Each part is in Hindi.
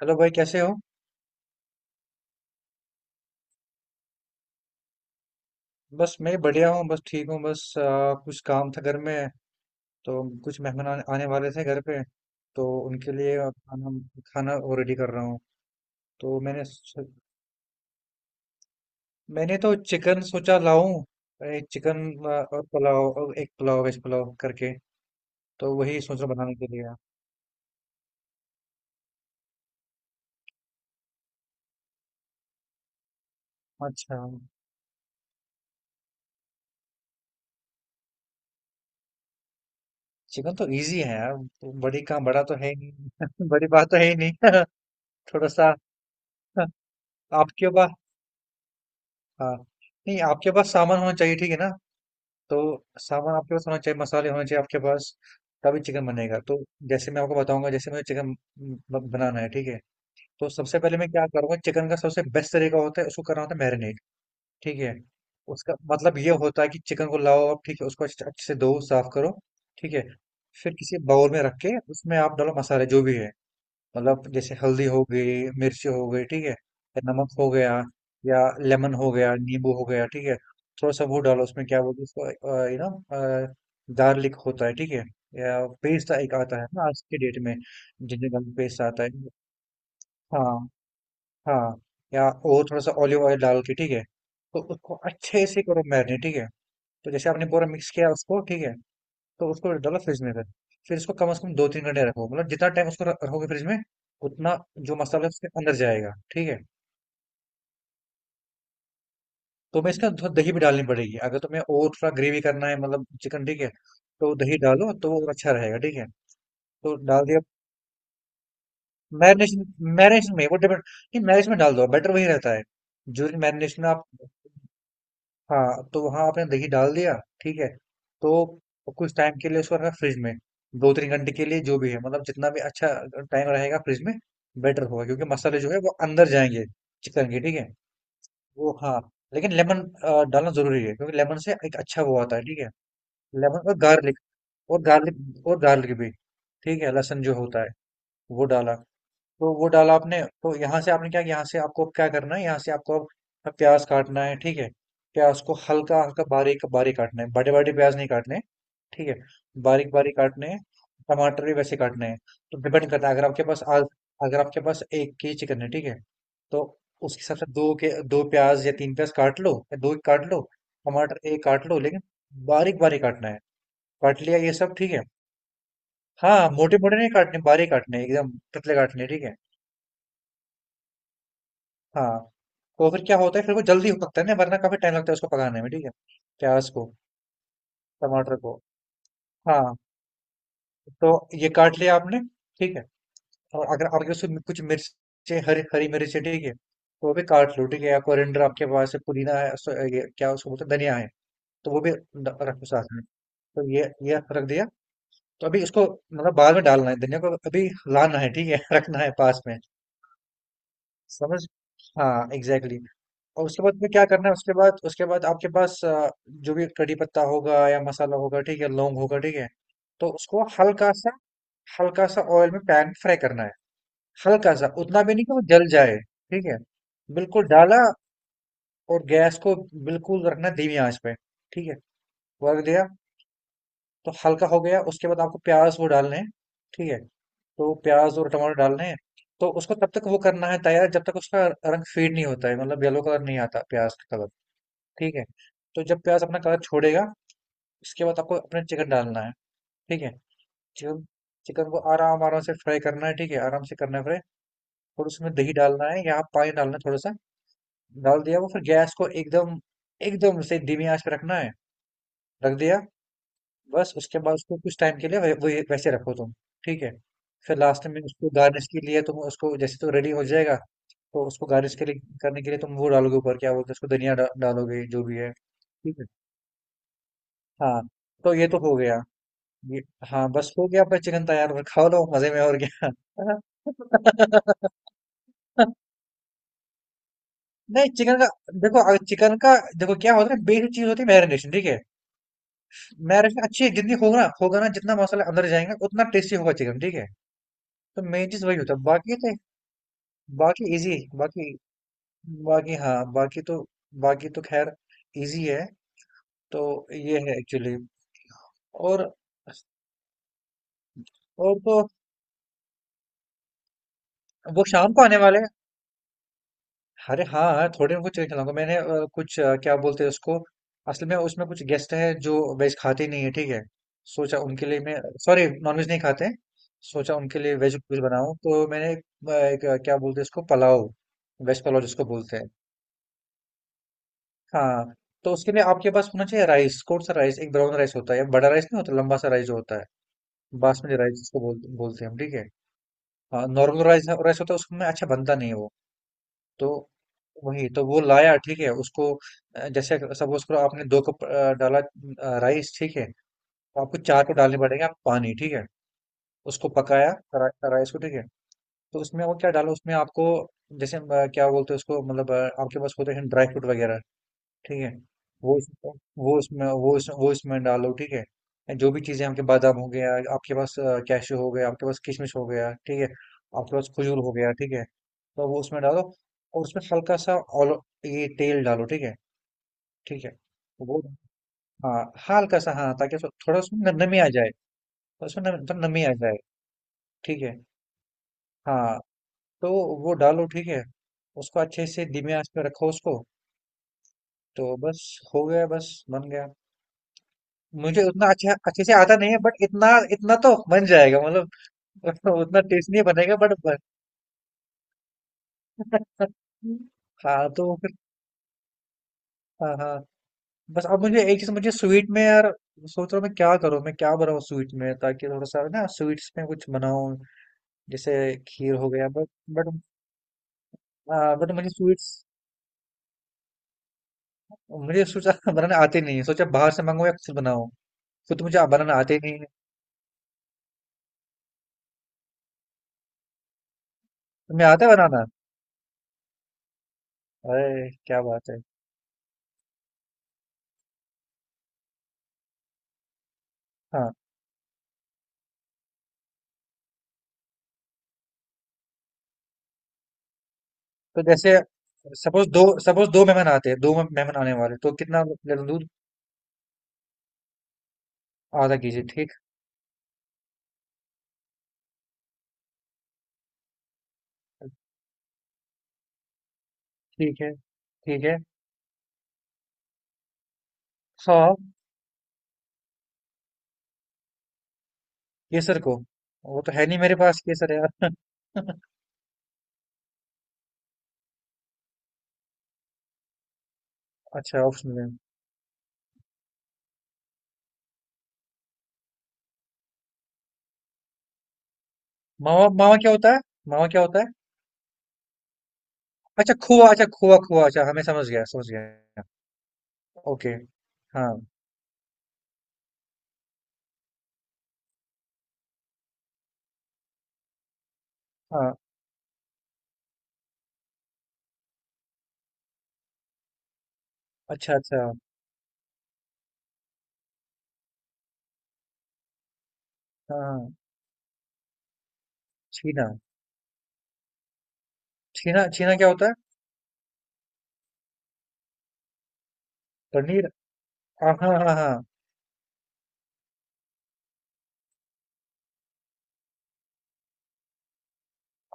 हेलो भाई कैसे हो। बस मैं बढ़िया हूँ, बस ठीक हूँ। बस कुछ काम था घर में, तो कुछ मेहमान आने आने वाले थे घर पे, तो उनके लिए खाना खाना वो रेडी कर रहा हूँ। तो मैंने तो चिकन सोचा लाऊं, एक चिकन और पुलाव, और एक पुलाव वेज पुलाव करके। तो वही सोच रहा हूं बनाने के लिए। अच्छा, चिकन तो इजी है यार। तो बड़ी काम बड़ा तो है ही नहीं बड़ी बात तो है ही नहीं थोड़ा सा आपके पास हाँ, नहीं, आपके पास सामान होना चाहिए, ठीक है ना। तो सामान आपके पास होना चाहिए, मसाले होने चाहिए आपके पास, तभी चिकन बनेगा। तो जैसे मैं आपको बताऊंगा, जैसे मुझे चिकन बनाना है, ठीक है। तो सबसे पहले मैं क्या करूंगा, चिकन का सबसे बेस्ट तरीका होता है उसको करना होता है मैरिनेट, ठीक है। उसका मतलब ये होता है कि चिकन को लाओ आप, ठीक है, उसको अच्छे अच्छे से धो, साफ करो, ठीक है। फिर किसी बाउल में रख के उसमें आप डालो मसाले जो भी है, मतलब जैसे हल्दी हो गई, मिर्ची हो गई, ठीक है, या नमक हो गया, या लेमन हो गया, नींबू हो गया, ठीक है। थोड़ा सा वो डालो, उसमें क्या बोलते हैं उसको, गार्लिक होता है, ठीक है, या पेस्ट एक आता है ना आज के डेट में, जिंजर गार्लिक पेस्ट आता है, हाँ हाँ। या और थोड़ा सा ऑलिव ऑयल डाल के, ठीक है, तो उसको अच्छे से करो मैरिनेट, ठीक है। तो जैसे आपने पूरा मिक्स किया उसको, ठीक है, तो उसको डाला फ्रिज में। फिर इसको कम से कम 2-3 घंटे रखो, मतलब जितना टाइम उसको रखोगे फ्रिज में, उतना जो मसाला है उसके अंदर जाएगा, ठीक है। तो मैं इसका थोड़ा दही भी डालनी पड़ेगी अगर तुम्हें, और थोड़ा ग्रेवी करना है मतलब चिकन, ठीक है, तो दही डालो तो वो अच्छा रहेगा, ठीक है। तो डाल दिया मैरिनेशन, मैरिनेशन में वो डिपेंड नहीं, मैरिनेशन में डाल दो बेटर वही रहता है। जो मैरिनेशन में आप, हाँ, तो वहाँ आपने दही डाल दिया, ठीक है। तो कुछ टाइम के लिए उसको रखा फ्रिज में, 2-3 घंटे के लिए जो भी है, मतलब जितना भी अच्छा टाइम रहेगा फ्रिज में बेटर होगा, क्योंकि मसाले जो है वो अंदर जाएंगे चिकन के, ठीक है। वो हाँ, लेकिन लेमन डालना जरूरी है, क्योंकि लेमन से एक अच्छा वो आता है, ठीक है। लेमन और गार्लिक, और गार्लिक भी, ठीक है, लहसुन जो होता है वो डाला। तो वो डाला आपने, तो यहाँ से आपने क्या, यहाँ से आपको अब क्या करना है, यहाँ से आपको अब प्याज काटना है, ठीक है। प्याज को हल्का हल्का बारीक बारीक काटना है, बड़े बड़े प्याज नहीं काटने, ठीक है, बारीक बारीक काटने हैं। टमाटर भी वैसे काटने हैं। तो डिपेंड करता है, अगर आपके पास आज, अगर आपके पास एक के चिकन है, ठीक है, तो उसके हिसाब से दो के दो प्याज या तीन प्याज काट लो या दो काट लो, टमाटर एक काट लो, लेकिन बारीक बारीक काटना है। काट लिया ये सब, ठीक है, हाँ, मोटे मोटे नहीं काटने, बारीक काटने एकदम पतले काटने, ठीक है, हाँ। तो फिर क्या होता है, फिर वो जल्दी हो सकता है ना, वरना काफी टाइम लगता है उसको पकाने में, ठीक है, प्याज को, टमाटर को, हाँ। तो ये काट लिया आपने, ठीक है। और अगर आपके पास उसमें कुछ मिर्ची, हरी हरी मिर्च है, ठीक है, तो वो भी काट लो, ठीक है। या कोरिएंडर आपके पास है, पुदीना है, ये क्या उसको बोलते हैं, धनिया है, तो वो भी रख दो साथ में। तो ये रख दिया। तो अभी इसको मतलब बाद में डालना है धनिया को, अभी लाना है, ठीक है रखना है पास में। समझ हाँ, एग्जैक्टली। और उसके बाद में क्या करना है, उसके बाद, उसके बाद आपके पास जो भी कड़ी पत्ता होगा या मसाला होगा, ठीक है, लौंग होगा, ठीक है, तो उसको हल्का सा, हल्का सा ऑयल में पैन फ्राई करना है, हल्का सा, उतना भी नहीं कि वो जल जाए, ठीक है। बिल्कुल डाला और गैस को बिल्कुल रखना धीमी आंच पे, ठीक है। वो रख दिया, तो हल्का हो गया। उसके बाद आपको प्याज वो डालने हैं, ठीक है, तो प्याज और टमाटर डालने हैं। तो उसको तब तक वो करना है तैयार जब तक उसका रंग फेड नहीं होता है, मतलब येलो कलर नहीं आता प्याज का कलर, ठीक है। तो जब प्याज अपना कलर छोड़ेगा, उसके बाद आपको अपना चिकन डालना है, ठीक है। चिकन, चिकन को आराम आराम से फ्राई करना है, ठीक है, आराम से करना है फ्राई, और उसमें दही डालना है या आप पानी डालना है थोड़ा सा। डाल दिया वो, फिर गैस को एकदम एकदम से धीमी आंच पे रखना है। रख दिया, बस। उसके बाद उसको कुछ टाइम के लिए वै, वै, वैसे रखो तुम, ठीक है। फिर लास्ट में उसको गार्निश के लिए तुम उसको, जैसे तो रेडी हो जाएगा, तो उसको गार्निश के लिए, करने के लिए तुम वो डालोगे ऊपर क्या बोलते हैं उसको, धनिया डालोगे जो भी है, ठीक है, हाँ। तो ये तो हो गया, ये हाँ, बस हो गया। पर चिकन तैयार, और खाओ लो मजे में, और क्या नहीं, चिकन का देखो, अगर चिकन का देखो क्या होता है, बेसिक चीज होती है मैरिनेशन, ठीक है। मैरिनेशन अच्छी है जितनी, होगा होगा ना, जितना मसाला अंदर जाएगा उतना टेस्टी होगा चिकन, ठीक है। तो मेन चीज वही होता है, बाकी तो, बाकी इजी, बाकी, बाकी हाँ, बाकी तो, बाकी तो खैर इजी है। तो ये है एक्चुअली। और और तो वो शाम को आने वाले हैं। अरे हाँ, थोड़े बहुत चीज़ें खिलाऊंगा। मैंने कुछ क्या बोलते हैं उसको, असल में उसमें कुछ गेस्ट हैं जो वेज खाते ही नहीं है, ठीक है। सोचा उनके लिए मैं, सॉरी नॉनवेज नहीं खाते हैं। सोचा उनके लिए वेज कुछ बनाऊं, तो मैंने क्या बोलते हैं इसको, पुलाव, वेज पुलाव जिसको बोलते हैं, हाँ। तो उसके लिए आपके पास होना चाहिए राइस। कौन सा राइस, एक ब्राउन राइस होता है, बड़ा राइस नहीं होता, लंबा सा राइस जो होता है, बासमती राइस बोलते हैं हम, ठीक है, हाँ। नॉर्मल राइस राइस होता है उसमें अच्छा बनता नहीं है वो। तो वही तो वो लाया, ठीक है। उसको जैसे सपोज करो आपने 2 कप डाला राइस, ठीक है, तो आपको 4 कप डालने पड़ेंगे आप पानी, ठीक है। उसको पकाया राइस को, ठीक है। तो उसमें वो क्या डालो, उसमें आपको जैसे क्या बोलते हैं उसको, मतलब आपके पास होते हैं ड्राई फ्रूट वगैरह, ठीक है, वो उसमें वो उसमें डालो, ठीक है। जो भी चीज़ें, आपके बादाम हो गया, आपके पास कैशू हो गया, आपके पास किशमिश हो गया, ठीक है, आपके पास खजूर हो गया, ठीक है, तो वो उसमें डालो। और उसमें हल्का सा ऑल ये तेल डालो, ठीक है। ठीक है वो हाँ, हल्का सा, हाँ, ताकि उसमें थोड़ा उसमें नमी आ जाए, उसमें थोड़ा नमी आ जाए, ठीक है, हाँ। तो वो डालो, ठीक है। उसको अच्छे से धीमी आंच पे रखो उसको। तो बस हो गया, बस बन गया। मुझे उतना अच्छा अच्छे से आता नहीं है, बट इतना इतना तो बन जाएगा मतलब उतना टेस्ट नहीं बनेगा, हाँ तो फिर, हाँ हाँ, बस। अब मुझे एक चीज, मुझे स्वीट में यार सोच रहा हूँ, मैं क्या करूँ, मैं क्या बनाऊँ स्वीट में, ताकि थोड़ा सा ना स्वीट्स में कुछ बनाऊँ, जैसे खीर हो गया, बट, बट बट मुझे स्वीट्स, मुझे सोचा बनाना आते नहीं है, सोचा बाहर से मंगाऊँ या खुद बनाऊँ, खुद मुझे बनाना आते नहीं है। तुम्हें आता है बनाना? अरे क्या बात है। हाँ तो जैसे, सपोज दो मेहमान आते हैं, दो मेहमान आने वाले, तो कितना ले लूं दूध? आधा kg, ठीक, ठीक है, ठीक है, हाँ। केसर को, वो तो है नहीं मेरे पास केसर यार अच्छा, ऑप्शन में। मावा, मावा क्या होता है, मावा क्या होता है? अच्छा, खोआ, अच्छा खोआ, खोआ, अच्छा, हमें समझ गया, समझ गया। ओके, हाँ हाँ, अच्छा अच्छा, हाँ हाँ, छीना, छीना क्या होता है? पनीर, हाँ हाँ हाँ हाँ।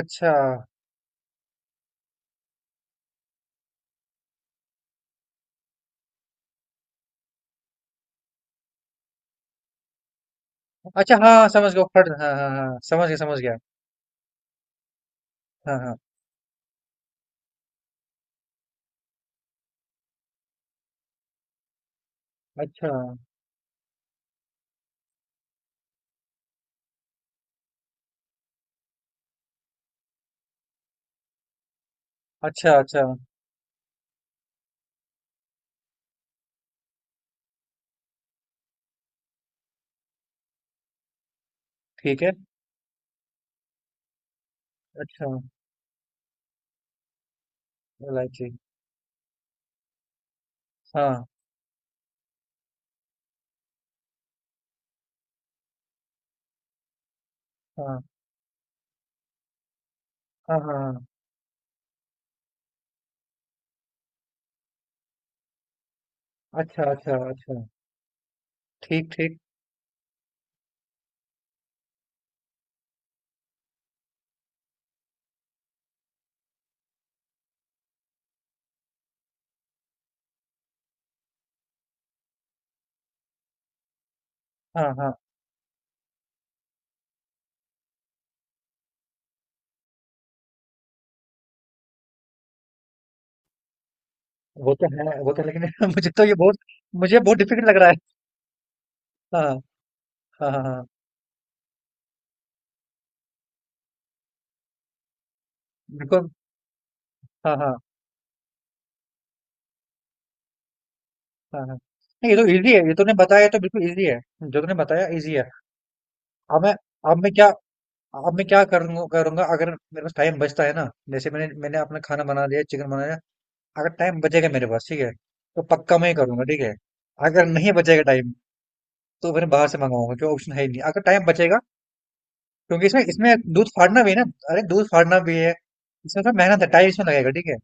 अच्छा अच्छा, हाँ समझ गया, फट हाँ हाँ हाँ, समझ गया, समझ गया। हाँ हाँ। अच्छा, अच्छा, अच्छा, ठीक है। अच्छा, इलायची। हाँ, हाँ, हाँ, हाँ, हाँ। अच्छा, अच्छा, अच्छा। ठीक, ठीक। हाँ, हाँ। वो तो है, लेकिन मुझे तो ये बहुत, मुझे बहुत डिफिकल्ट लग रहा है। हाँ, हाँ, हाँ, हाँ। बिल्कुल। हाँ, हाँ, हाँ, हाँ। नहीं, ये तो इजी है। ये तूने बताया तो बिल्कुल इजी है। जो तूने बताया इजी है। अब मैं अब मैं क्या अब मैं क्या करूंगा, करूंगा अगर मेरे पास टाइम बचता है ना, जैसे मैंने मैंने अपना खाना बना लिया, चिकन बनाया, अगर टाइम बचेगा मेरे पास, ठीक है, तो पक्का मैं ही करूंगा, ठीक है। अगर नहीं बचेगा टाइम, तो फिर बाहर से मंगाऊंगा, क्यों ऑप्शन है ही नहीं अगर टाइम बचेगा। क्योंकि इसमें इसमें दूध फाड़ना भी है ना, अरे दूध फाड़ना भी है, इसमें थोड़ा मेहनत है, टाइम इसमें लगेगा, ठीक है।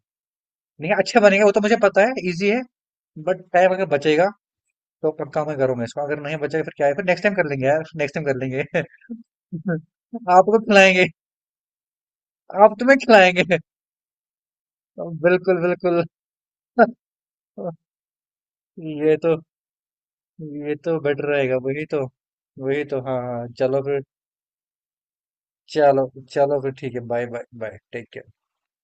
लेकिन अच्छे बनेंगे वो तो मुझे पता है, इजी है। बट टाइम अगर बचेगा, तो पक्का मैं करूंगा इसको, अगर नहीं बचेगा फिर क्या है, फिर नेक्स्ट टाइम कर लेंगे यार, नेक्स्ट टाइम कर लेंगे आपको खिलाएंगे, आप तुम्हें खिलाएंगे बिल्कुल बिल्कुल ये तो, ये तो बेटर रहेगा, वही तो, वही तो, हाँ हाँ, चलो फिर। चलो चलो फिर, ठीक है, bye bye bye, take care.